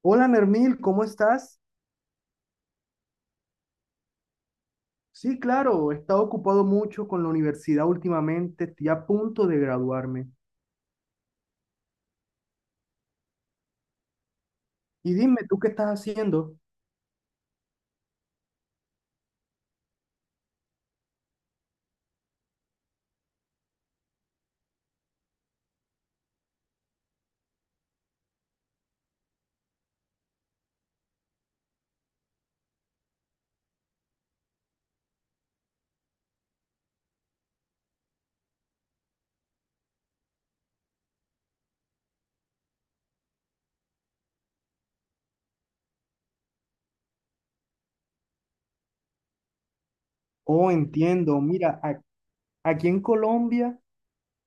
Hola Nermil, ¿cómo estás? Sí, claro, he estado ocupado mucho con la universidad últimamente, estoy a punto de graduarme. Y dime, ¿tú qué estás haciendo? Oh, entiendo, mira, aquí en Colombia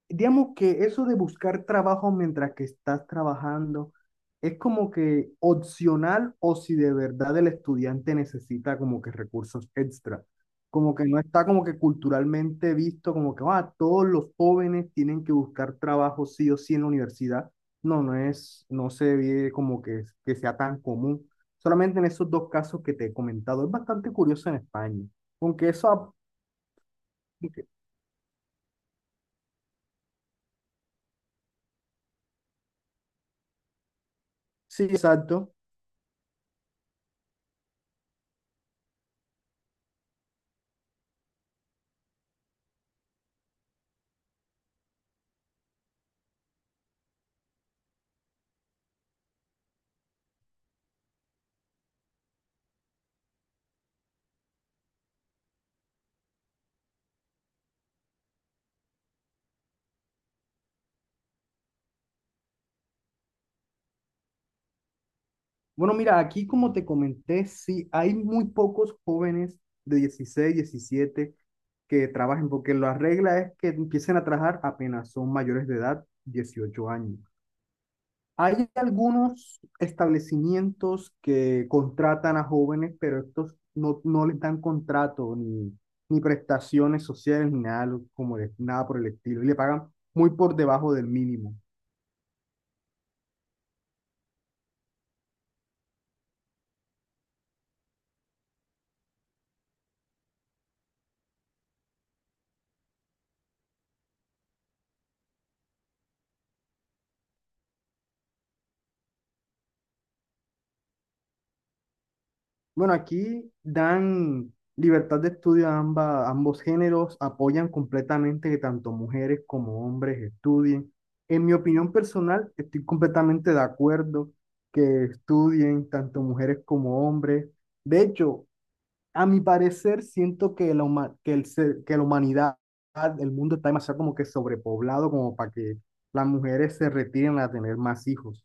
digamos que eso de buscar trabajo mientras que estás trabajando es como que opcional o si de verdad el estudiante necesita como que recursos extra. Como que no está como que culturalmente visto como que todos los jóvenes tienen que buscar trabajo sí o sí en la universidad. No, no se ve como que sea tan común. Solamente en esos dos casos que te he comentado. Es bastante curioso en España. Aunque eso, sí, exacto. Bueno, mira, aquí como te comenté, sí, hay muy pocos jóvenes de 16, 17 que trabajen, porque la regla es que empiecen a trabajar apenas son mayores de edad, 18 años. Hay algunos establecimientos que contratan a jóvenes, pero estos no les dan contrato ni prestaciones sociales ni nada, nada por el estilo, y le pagan muy por debajo del mínimo. Bueno, aquí dan libertad de estudio a ambos géneros, apoyan completamente que tanto mujeres como hombres estudien. En mi opinión personal, estoy completamente de acuerdo que estudien tanto mujeres como hombres. De hecho, a mi parecer, siento que la, huma- que el ser- que la humanidad, el mundo está demasiado como que sobrepoblado como para que las mujeres se retiren a tener más hijos.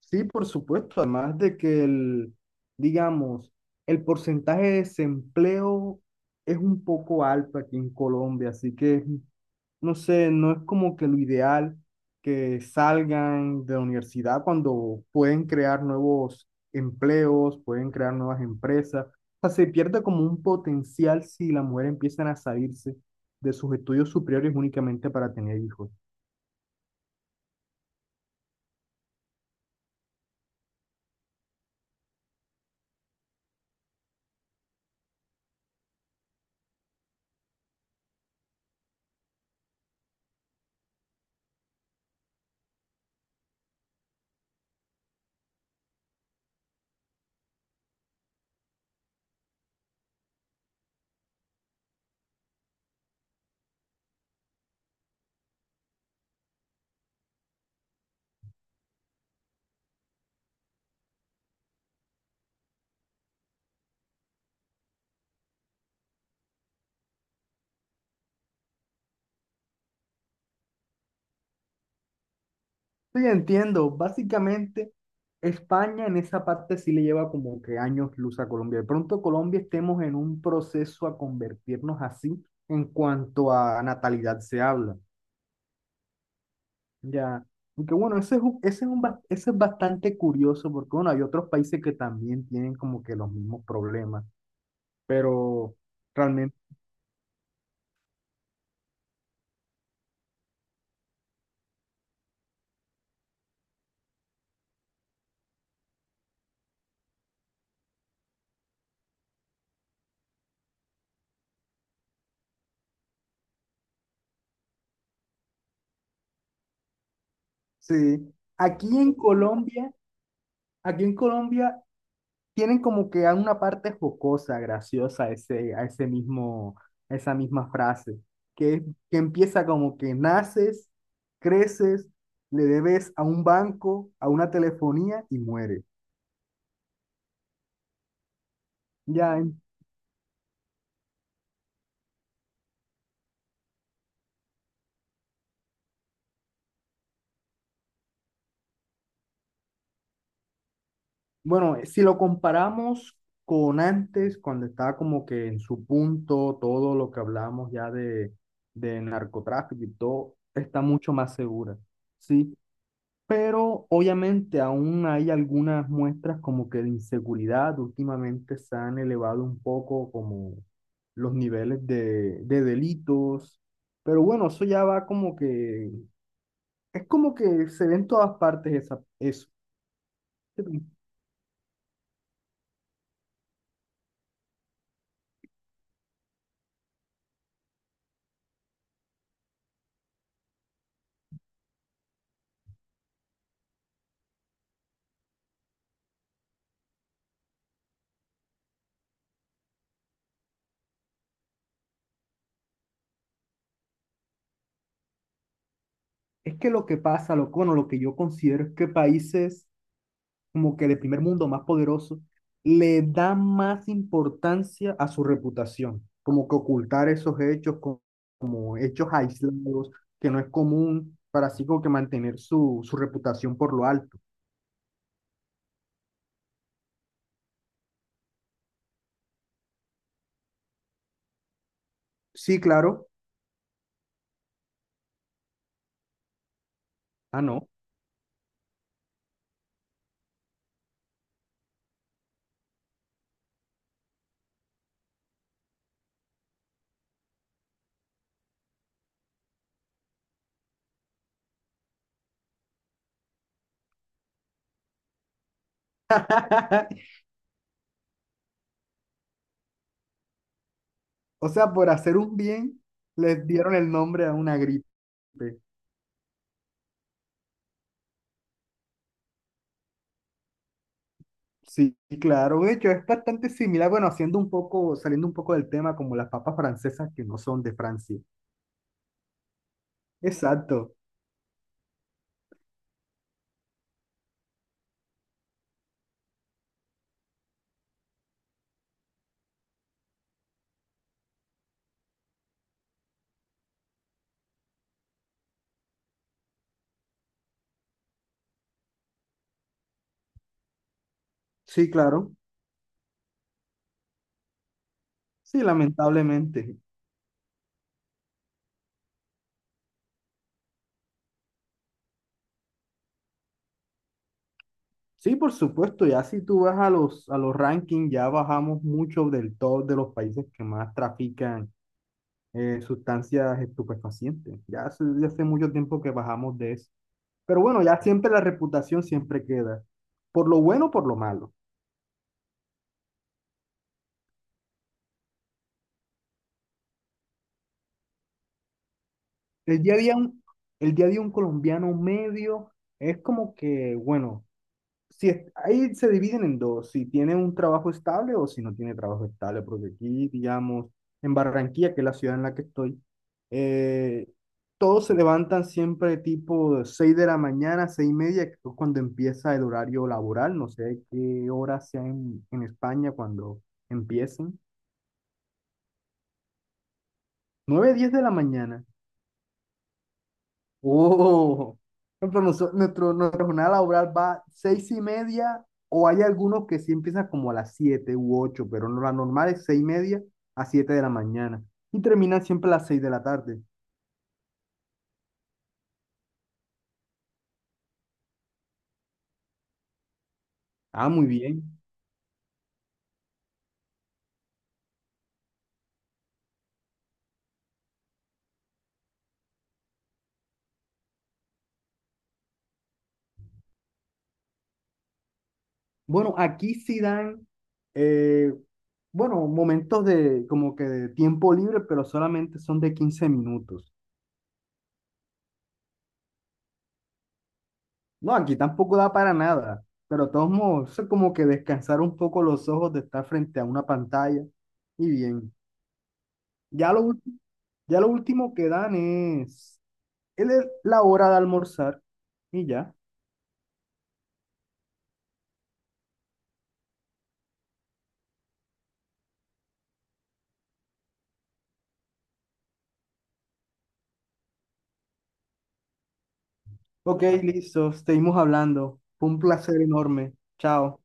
Sí, por supuesto, además de que el, digamos, el porcentaje de desempleo es un poco alto aquí en Colombia, así que, no sé, no es como que lo ideal que salgan de la universidad cuando pueden crear nuevos empleos, pueden crear nuevas empresas. O sea, se pierde como un potencial si las mujeres empiezan a salirse de sus estudios superiores únicamente para tener hijos. Sí, entiendo. Básicamente, España en esa parte sí le lleva como que años luz a Colombia. De pronto Colombia estemos en un proceso a convertirnos así en cuanto a natalidad se habla. Ya. Aunque bueno, ese es, un bas- ese es bastante curioso porque bueno, hay otros países que también tienen como que los mismos problemas. Pero realmente, sí. Aquí en Colombia, aquí en Colombia tienen como que una parte jocosa, graciosa, a esa misma frase, que, es- que empieza como que naces, creces, le debes a un banco, a una telefonía y mueres. Ya, bueno, si lo comparamos con antes, cuando estaba como que en su punto, todo lo que hablamos ya de, narcotráfico y todo, está mucho más segura. Sí, pero obviamente aún hay algunas muestras como que de inseguridad. Últimamente se han elevado un poco como los niveles de, delitos. Pero bueno, eso ya va como que, es como que se ve en todas partes esa, eso. Es que lo que pasa, bueno, lo que yo considero es que países como que de primer mundo más poderosos le dan más importancia a su reputación, como que ocultar esos hechos como con hechos aislados, que no es común, para así como que mantener su, su reputación por lo alto. Sí, claro. Ah, no. O sea, por hacer un bien, les dieron el nombre a una gripe. Sí, claro. De hecho, es bastante similar, bueno, saliendo un poco del tema, como las papas francesas que no son de Francia. Exacto. Sí, claro. Sí, lamentablemente. Sí, por supuesto. Ya si tú vas a los, rankings, ya bajamos mucho del top de los países que más trafican sustancias estupefacientes. Ya hace mucho tiempo que bajamos de eso. Pero bueno, ya siempre la reputación siempre queda, por lo bueno o por lo malo. El día a día, un- el día a día un colombiano medio es como que, bueno, si es- ahí se dividen en dos, si tiene un trabajo estable o si no tiene trabajo estable, porque aquí, digamos, en Barranquilla, que es la ciudad en la que estoy, eh, todos se levantan siempre tipo 6 de la mañana, 6:30, que es cuando empieza el horario laboral, no sé qué hora sea en España cuando empiecen, 9, 10 de la mañana. Uh, pero nuestro, nuestra jornada laboral va 6:30, o hay algunos que sí empiezan como a las 7 u 8, pero no, la normal es 6:30 a 7 de la mañana y terminan siempre a las 6 de la tarde. Ah, muy bien. Bueno, aquí sí dan, eh, bueno, momentos de como que de tiempo libre, pero solamente son de 15 minutos. No, aquí tampoco da para nada, pero de todos modos, eso es como que descansar un poco los ojos de estar frente a una pantalla y bien. Ya lo, ul- ya lo último que dan es la hora de almorzar y ya. Ok, listo, seguimos hablando. Fue un placer enorme. Chao.